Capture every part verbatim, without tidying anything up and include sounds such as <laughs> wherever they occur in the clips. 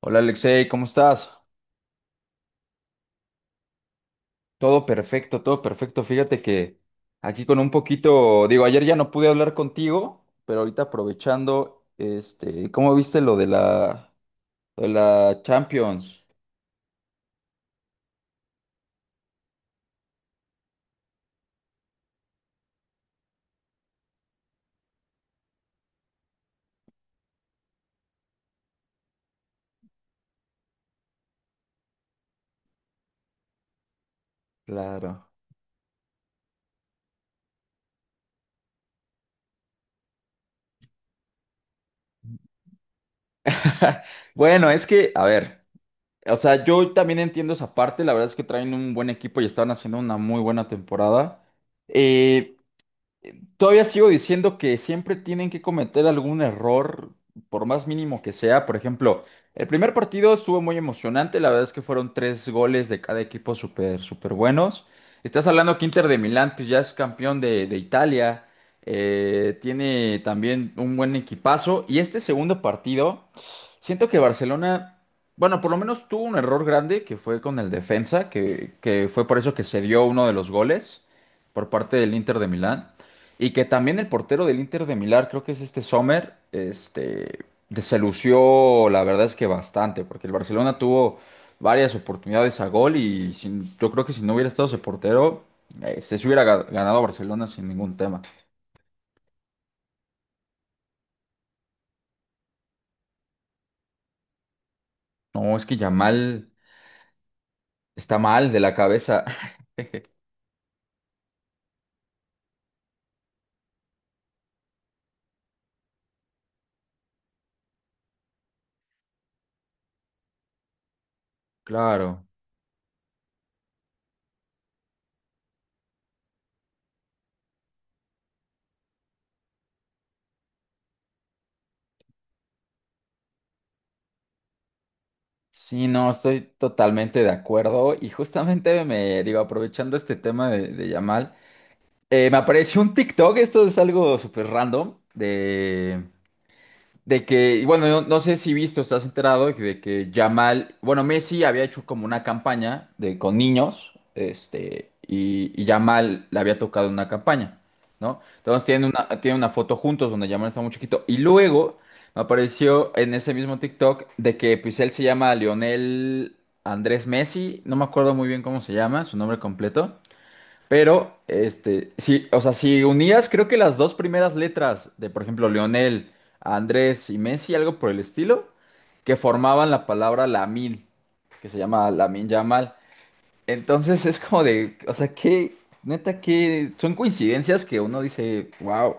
Hola Alexei, ¿cómo estás? Todo perfecto, todo perfecto. Fíjate que aquí con un poquito, digo, ayer ya no pude hablar contigo, pero ahorita aprovechando, este, ¿cómo viste lo de la, lo de la Champions? Claro. <laughs> Bueno, es que, a ver, o sea, yo también entiendo esa parte, la verdad es que traen un buen equipo y están haciendo una muy buena temporada. Eh, Todavía sigo diciendo que siempre tienen que cometer algún error, por más mínimo que sea. Por ejemplo, el primer partido estuvo muy emocionante. La verdad es que fueron tres goles de cada equipo súper, súper buenos. Estás hablando que Inter de Milán, pues ya es campeón de, de Italia. Eh, tiene también un buen equipazo. Y este segundo partido, siento que Barcelona, bueno, por lo menos tuvo un error grande que fue con el defensa, que, que fue por eso que se dio uno de los goles por parte del Inter de Milán. Y que también el portero del Inter de Milán, creo que es este Sommer, este, de- se lució, la verdad es que bastante, porque el Barcelona tuvo varias oportunidades a gol. Y sin- yo creo que si no hubiera estado ese portero, eh, se se hubiera ga- ganado Barcelona sin ningún tema. No, es que Yamal está mal de la cabeza. <laughs> Claro. Sí, no, estoy totalmente de acuerdo y justamente me digo, aprovechando este tema de, de Yamal. Eh, me apareció un TikTok, esto es algo súper random, de De que, y bueno, no, no sé si visto, estás enterado de que Yamal, bueno, Messi había hecho como una campaña de, con niños, este, y, y Yamal le había tocado una campaña, ¿no? Entonces tienen una, tienen una foto juntos donde Yamal está muy chiquito. Y luego me apareció en ese mismo TikTok de que pues él se llama Lionel Andrés Messi, no me acuerdo muy bien cómo se llama, su nombre completo. Pero, este, sí, o sea, si unías, creo que las dos primeras letras de, por ejemplo, Leonel, Andrés y Messi, algo por el estilo, que formaban la palabra Lamin, que se llama Lamin Yamal. Entonces es como de, o sea, que, neta, que son coincidencias que uno dice, wow.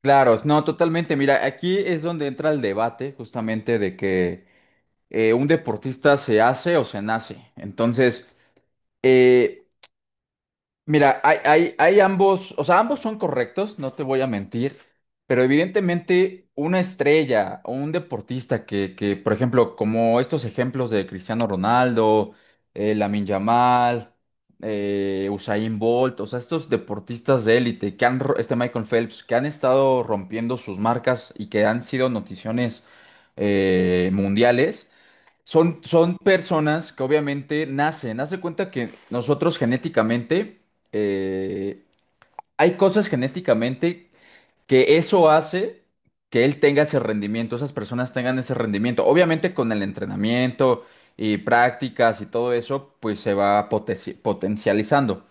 Claro, no, totalmente. Mira, aquí es donde entra el debate justamente de que eh, un deportista se hace o se nace. Entonces, eh, Mira, hay, hay, hay ambos, o sea, ambos son correctos, no te voy a mentir, pero evidentemente una estrella o un deportista que, que, por ejemplo, como estos ejemplos de Cristiano Ronaldo, eh, Lamine Yamal, eh, Usain Bolt, o sea, estos deportistas de élite que han, ro- este Michael Phelps, que han estado rompiendo sus marcas y que han sido noticiones eh, mundiales, son, son personas que obviamente nacen. Haz de cuenta que nosotros genéticamente, eh, hay cosas genéticamente que eso hace que él tenga ese rendimiento, esas personas tengan ese rendimiento. Obviamente con el entrenamiento y prácticas y todo eso, pues se va potenci- potencializando.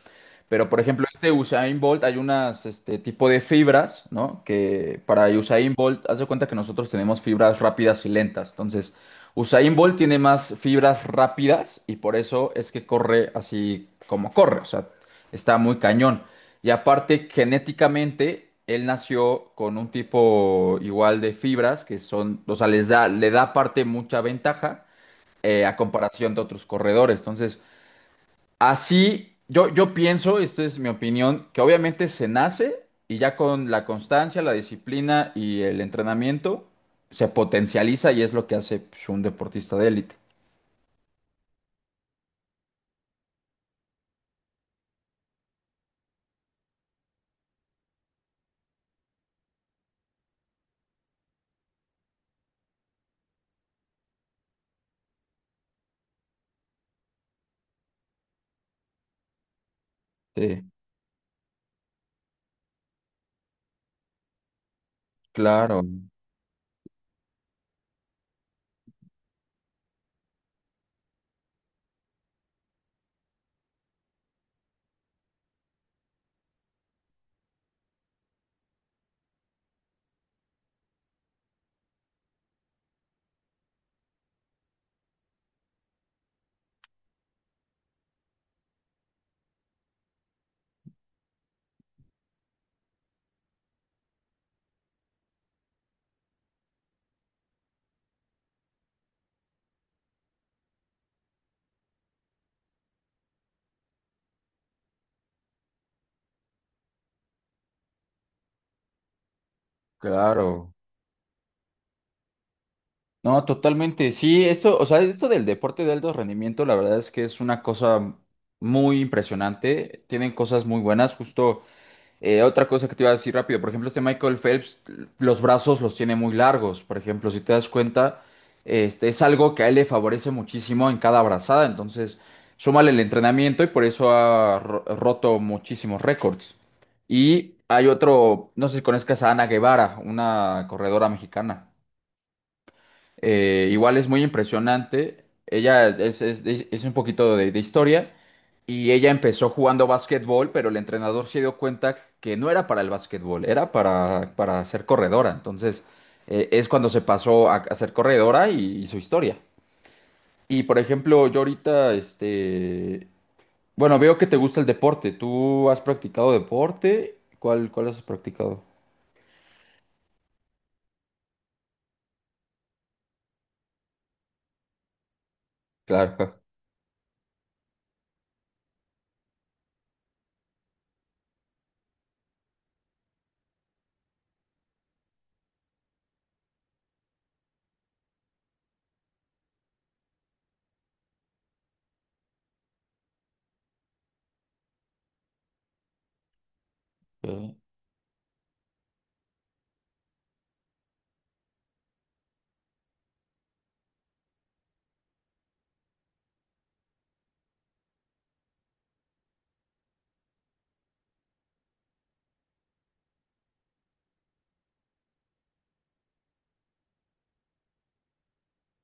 Pero, por ejemplo, este Usain Bolt, hay unas este tipo de fibras, ¿no? Que para Usain Bolt, haz de cuenta que nosotros tenemos fibras rápidas y lentas. Entonces, Usain Bolt tiene más fibras rápidas y por eso es que corre así como corre. O sea, está muy cañón. Y aparte, genéticamente, él nació con un tipo igual de fibras que son, o sea, les da, le da aparte mucha ventaja eh, a comparación de otros corredores. Entonces, así, yo, yo pienso, esta es mi opinión, que obviamente se nace y ya con la constancia, la disciplina y el entrenamiento se potencializa y es lo que hace pues, un deportista de élite. Sí, claro, claro. No, totalmente. Sí, esto, o sea, esto del deporte de alto rendimiento, la verdad es que es una cosa muy impresionante. Tienen cosas muy buenas, justo. Eh, otra cosa que te iba a decir rápido, por ejemplo, este Michael Phelps, los brazos los tiene muy largos, por ejemplo, si te das cuenta, este es algo que a él le favorece muchísimo en cada brazada, entonces súmale el entrenamiento y por eso ha ro- roto muchísimos récords. Y hay otro, no sé si conozcas a Ana Guevara, una corredora mexicana. Eh, igual es muy impresionante. Ella es, es- es un poquito de, de historia y ella empezó jugando básquetbol, pero el entrenador se dio cuenta que no era para el básquetbol, era para, para ser corredora. Entonces eh, es cuando se pasó a, a ser corredora y, y su historia. Y por ejemplo, yo ahorita, este, bueno, veo que te gusta el deporte. ¿Tú has practicado deporte? ¿Cuál, cuál has practicado? Claro. Ok.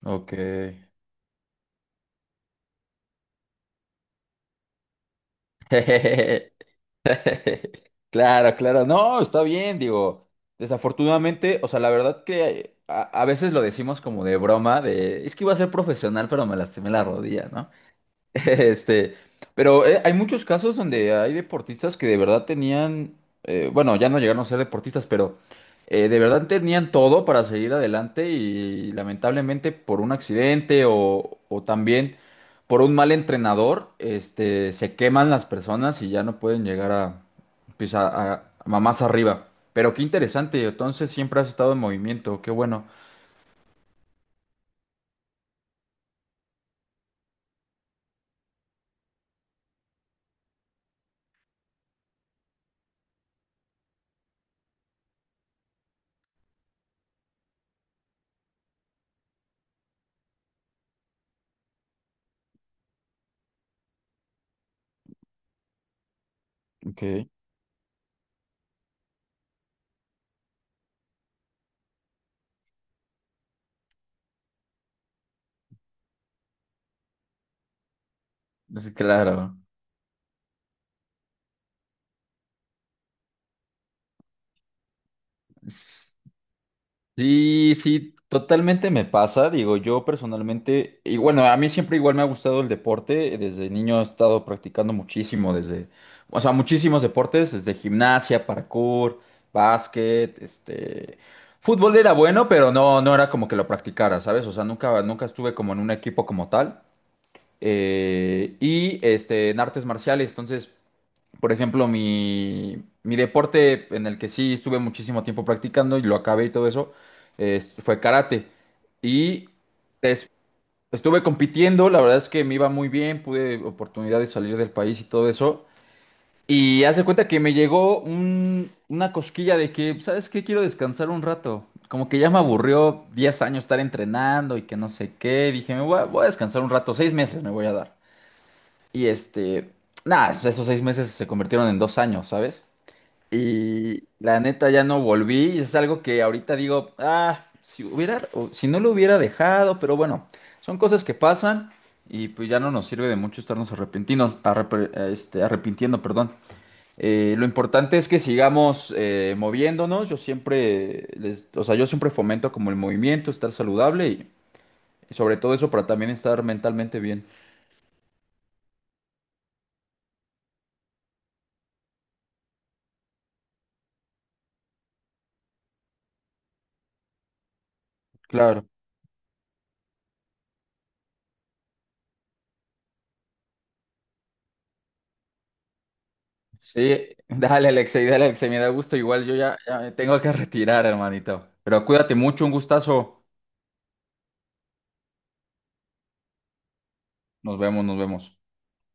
Ok. <laughs> <laughs> Claro, claro, no, está bien, digo, desafortunadamente, o sea, la verdad que a, a veces lo decimos como de broma, de, es que iba a ser profesional, pero me lastimé la rodilla, ¿no? Este, pero eh, hay muchos casos donde hay deportistas que de verdad tenían, eh, bueno, ya no llegaron a ser deportistas, pero eh, de verdad tenían todo para seguir adelante y, lamentablemente por un accidente o, o también por un mal entrenador, este, se queman las personas y ya no pueden llegar a, pues, a, a- a más arriba. Pero qué interesante, entonces siempre has estado en movimiento, qué bueno. Ok. Sí, claro. Sí, sí, totalmente me pasa. Digo, yo personalmente, y bueno, a mí siempre igual me ha gustado el deporte. Desde niño he estado practicando muchísimo, desde, o sea, muchísimos deportes, desde gimnasia, parkour, básquet, este, fútbol era bueno, pero no, no era como que lo practicara, ¿sabes? O sea, nunca, nunca estuve como en un equipo como tal. Eh, y este, en artes marciales, entonces. Por ejemplo, mi, mi deporte en el que sí estuve muchísimo tiempo practicando y lo acabé y todo eso, es- fue karate. Y des- estuve compitiendo, la verdad es que me iba muy bien, pude oportunidad de salir del país y todo eso. Y haz de cuenta que me llegó un- una cosquilla de que, ¿sabes qué? Quiero descansar un rato. Como que ya me aburrió diez años estar entrenando y que no sé qué. Dije, me voy a, voy a descansar un rato, seis meses me voy a dar. Y este, nada, esos seis meses se convirtieron en dos años, ¿sabes? Y la neta ya no volví y es algo que ahorita digo, ah, si hubiera, o si no lo hubiera dejado, pero bueno, son cosas que pasan y pues ya no nos sirve de mucho estarnos arrepentinos, arrep- este, arrepintiendo, perdón. Eh, lo importante es que sigamos eh, moviéndonos. Yo siempre, les- o sea, yo siempre fomento como el movimiento, estar saludable y y sobre todo eso para también estar mentalmente bien. Claro. Sí, dale, Alexei, dale, Alexei, me da gusto. Igual yo ya, ya me tengo que retirar, hermanito. Pero cuídate mucho, un gustazo. Nos vemos, nos vemos.